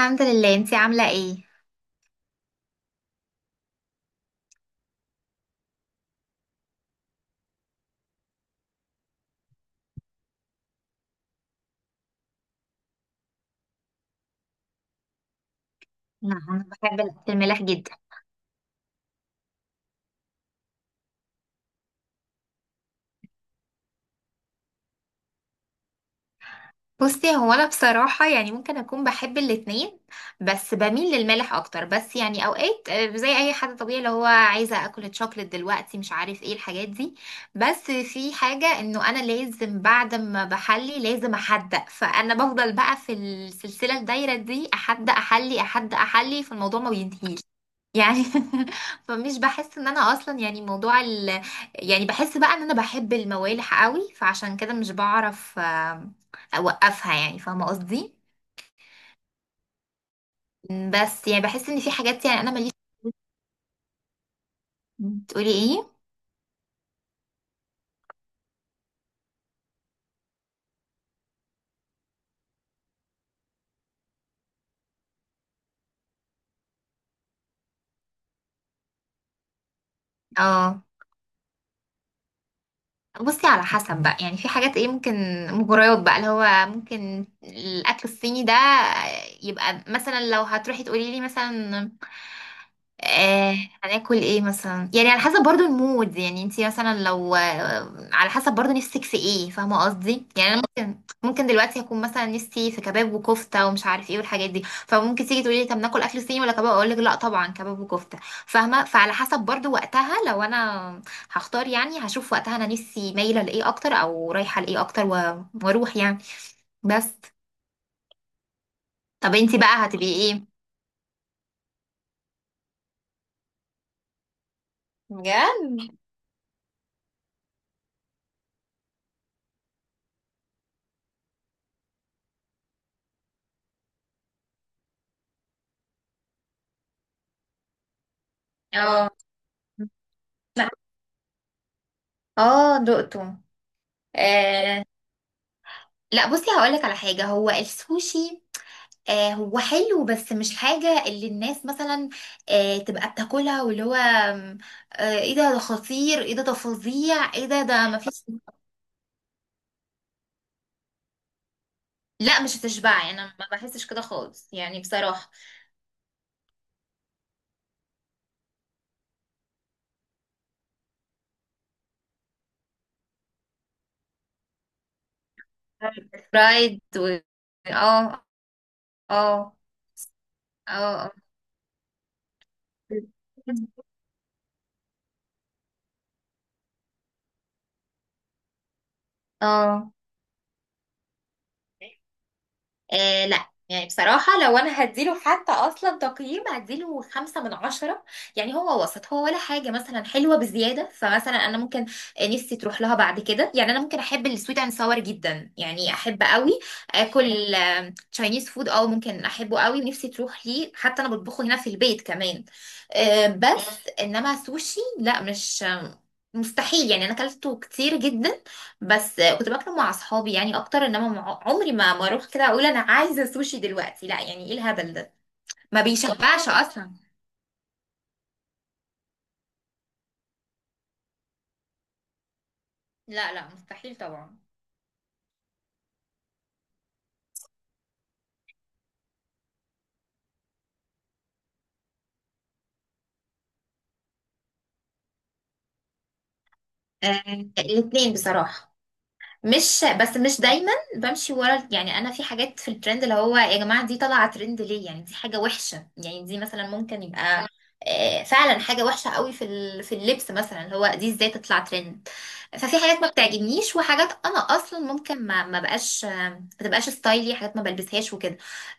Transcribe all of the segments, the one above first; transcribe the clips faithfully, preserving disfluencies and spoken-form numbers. الحمد لله، انتي عاملة ايه؟ نعم، انا بحب الاكل المالح جدا. بصي، هو انا بصراحه يعني ممكن اكون بحب الاتنين، بس بميل للمالح اكتر. بس يعني اوقات، آه، زي اي حد طبيعي اللي هو عايزه اكل تشوكلت دلوقتي، مش عارف ايه الحاجات دي. بس في حاجه انه انا لازم بعد ما بحلي لازم احدق، فانا بفضل بقى في السلسله الدايره دي احدق احلي احدق احلي فالموضوع ما بينتهيش، يعني. فمش بحس ان انا اصلا يعني موضوع ال... يعني بحس بقى ان انا بحب الموالح قوي، فعشان كده مش بعرف اوقفها، يعني فاهمه قصدي. بس يعني بحس ان في حاجات يعني انا ماليش. تقولي ايه؟ اه. بصي، على حسب بقى. يعني في حاجات ايه ممكن مغريات بقى، اللي هو ممكن الاكل الصيني ده يبقى، مثلا لو هتروحي تقولي لي مثلا آه هناكل ايه مثلا، يعني على حسب برضو المود. يعني انتي مثلا لو، آه، على حسب برضو نفسك في ايه، فاهمه قصدي؟ يعني انا ممكن ممكن دلوقتي اكون مثلا نفسي في كباب وكفته ومش عارف ايه والحاجات دي، فممكن تيجي تقولي لي طب ناكل اكل صيني ولا كباب، اقول لك لا طبعا كباب وكفته. فاهمه؟ فعلى حسب برضو وقتها، لو انا هختار يعني هشوف وقتها انا نفسي مايله لايه اكتر او رايحه لايه اكتر، و- واروح يعني. بس طب انتي بقى هتبقي ايه؟ بجد. اه اه دقته. آه. لا بصي، هقولك على حاجة. هو السوشي آه هو حلو، بس مش حاجة اللي الناس مثلا آه تبقى بتاكلها، واللي هو آم، آه، ايه ده ده خطير، ايه ده ده فظيع، ايه ده ده مفيش. لا مش هتشبعي، انا ما بحسش كده خالص يعني بصراحة. فرايد و... اه اه اه اه. آه. آه لا يعني بصراحة، لو أنا هديله حتى أصلا تقييم، هديله خمسة من عشرة. يعني هو وسط، هو ولا حاجة مثلا حلوة بزيادة. فمثلا أنا ممكن آه، نفسي تروح لها بعد كده. يعني أنا ممكن أحب السويت أند ساور جدا، يعني أحب قوي آكل تشاينيز فود. اه ممكن احبه قوي ونفسي تروح ليه، حتى انا بطبخه هنا في البيت كمان. آه، بس انما سوشي لا، مش مستحيل يعني، انا اكلته كتير جدا، بس آه، كنت باكله مع اصحابي يعني اكتر. انما مع- عمري ما ما اروح كده اقول انا عايزه سوشي دلوقتي، لا يعني ايه الهبل ده، ما بيشبعش اصلا. لا لا مستحيل طبعا. آه، الاتنين بصراحه، مش بس مش دايما بمشي ورا. يعني انا في حاجات في الترند اللي هو يا جماعه دي طالعه ترند ليه؟ يعني دي حاجه وحشه، يعني دي مثلا ممكن يبقى آه، فعلا حاجه وحشه قوي في ال- في اللبس، مثلا اللي هو دي ازاي تطلع ترند. ففي حاجات ما بتعجبنيش، وحاجات انا اصلا ممكن ما ما بقاش آه، ما تبقاش ستايلي، حاجات ما بلبسهاش وكده.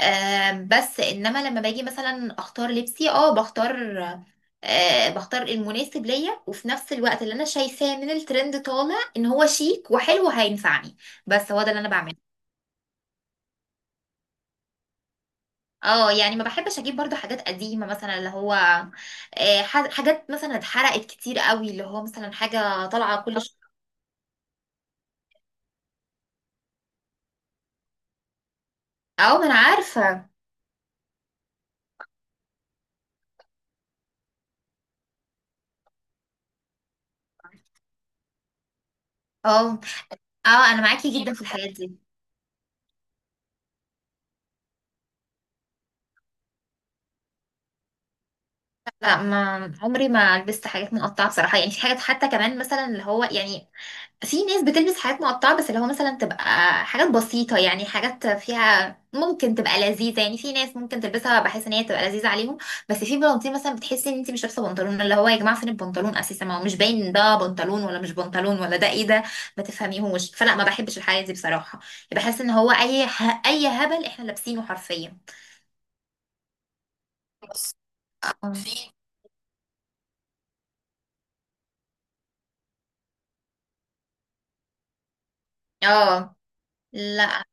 آه، بس انما لما باجي مثلا اختار لبسي، اه بختار آه، بختار المناسب ليا، وفي نفس الوقت اللي انا شايفاه من الترند طالع ان هو شيك وحلو هينفعني. بس هو ده اللي انا بعمله. اه يعني ما بحبش اجيب برضو حاجات قديمه، مثلا اللي هو آه، ح- حاجات مثلا اتحرقت كتير قوي، اللي هو مثلا حاجه طالعه كل شويه. اه ما انا عارفه. اه اه، انا معاكي جدا في الحاجات دي. لا، ما عمري ما لبست حاجات مقطعه بصراحه. يعني في حاجات حتى كمان مثلا اللي هو يعني، في ناس بتلبس حاجات مقطعة بس اللي هو مثلا تبقى حاجات بسيطة، يعني حاجات فيها ممكن تبقى لذيذة، يعني في ناس ممكن تلبسها بحيث ان هي تبقى لذيذة عليهم. بس في بناطيل مثلا بتحسي ان انت مش لابسة بنطلون، اللي هو يا جماعة فين البنطلون اساسا؟ ما هو مش باين ده بنطلون ولا مش بنطلون، ولا ده ايه ده ما تفهميهوش. فلا، ما بحبش الحاجة دي بصراحة. بحس ان هو اي ه... اي هبل احنا لابسينه حرفيا. بس اه في. آه. لا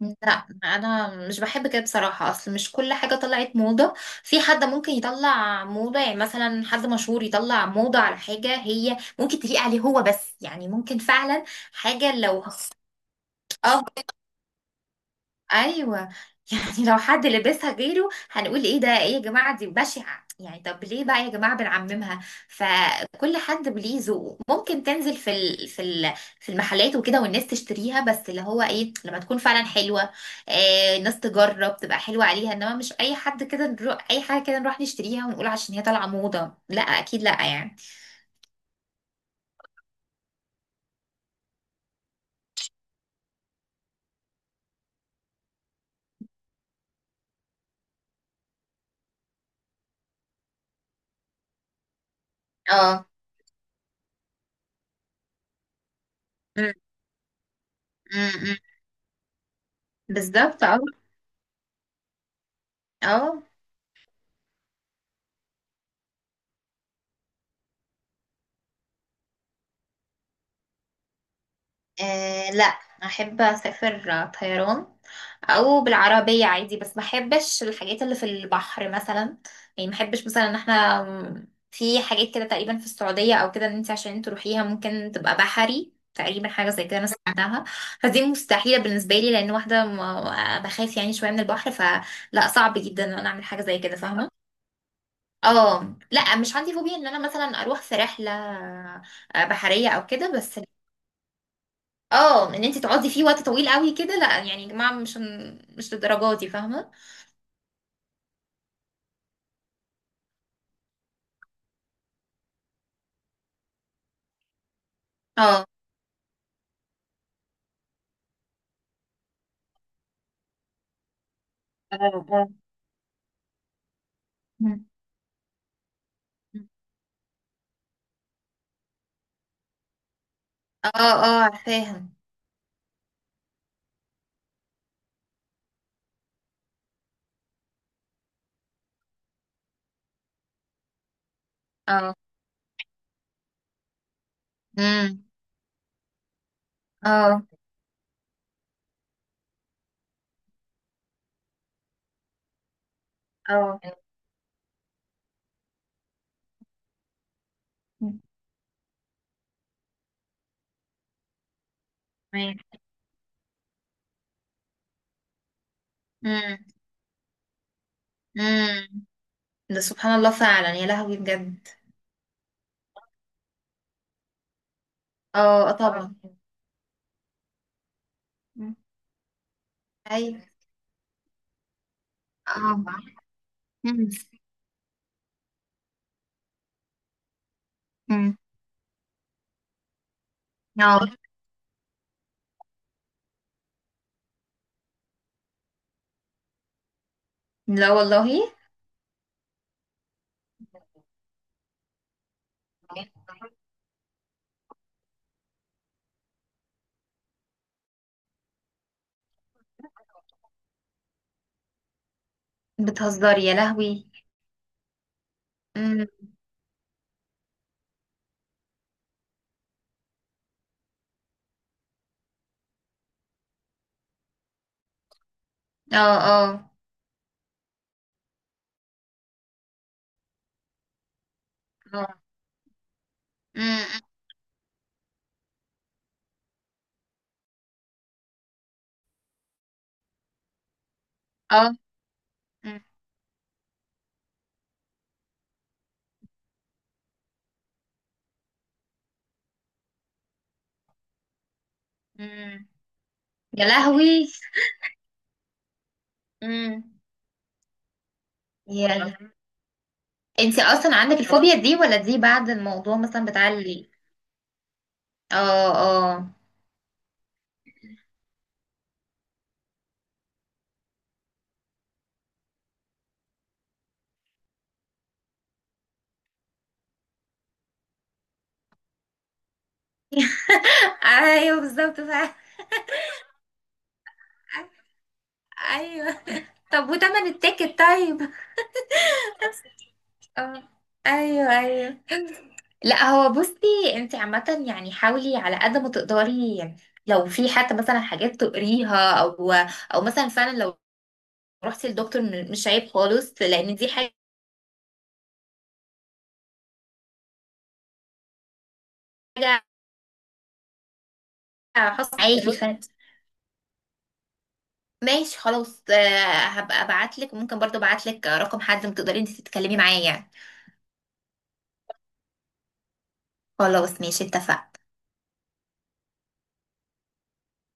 لا، انا مش بحب كده بصراحه. اصل مش كل حاجه طلعت موضه، في حد ممكن يطلع موضه. يعني مثلا حد مشهور يطلع موضه على حاجه هي ممكن تليق عليه هو بس، يعني ممكن فعلا حاجه لو. اه، ايوه. يعني لو حد لبسها غيره هنقول ايه ده، ايه يا جماعه دي بشعه، يعني طب ليه بقى يا جماعه بنعممها؟ فكل حد ليه ذوقه، ممكن تنزل في ال في ال في المحلات وكده والناس تشتريها، بس اللي هو ايه، لما تكون فعلا حلوه، آه الناس تجرب تبقى حلوه عليها. انما مش اي حد كده نروح اي حاجه كده نروح نشتريها ونقول عشان هي طالعه موضه، لا اكيد لا يعني. اه. أم، أم، أم. بالظبط اه. اه. آه لا، احب اسافر طيران او بالعربيه عادي، بس ما احبش الحاجات اللي في البحر مثلا. يعني ما احبش مثلا ان احنا في حاجات كده تقريبا في السعوديه او كده، ان انت عشان تروحيها ممكن تبقى بحري تقريبا، حاجه زي كده انا سمعتها. فدي مستحيله بالنسبه لي، لان واحده م- بخاف يعني شويه من البحر، فلا صعب جدا ان انا اعمل حاجه زي كده، فاهمه؟ اه لا، مش عندي فوبيا ان انا مثلا اروح في رحله آه، بحريه او كده، بس اه ان انت تقعدي فيه وقت طويل قوي كده لا، يعني يا جماعه مش مش للدرجه دي فاهمه. اه اه اه. مم. اه اه عارفاها. اه. امم. اه اه تمام. امم. امم. ده سبحان الله فعلا، يا لهوي بجد. اه اه طبعا. مم. ايوه. اه. مم. مم. اه لا والله. بتهزري يا لهوي. امم. اه اه اه. امم. اه. مم. مم. يا لهوي. امم. يا، انت اصلا عندك الفوبيا دي، ولا دي بعد الموضوع مثلا بتاع اللي؟ اه. اه. ايوه بالظبط فعلا. ايوه. طب وتمن التيكت طيب؟ اه ايوه ايوه. لا هو، بصي انت عامة يعني حاولي على قد ما تقدري، يعني لو في حتى مثلا حاجات تقريها، او او مثلا فعلا لو رحتي للدكتور، م- مش عيب خالص لان دي حاجة خاصة، عادي. ماشي خلاص. آه، هبقى ابعتلك. ممكن برضو ابعتلك رقم حد ما تقدري انت تتكلمي معاه، يعني. خلاص ماشي اتفقنا.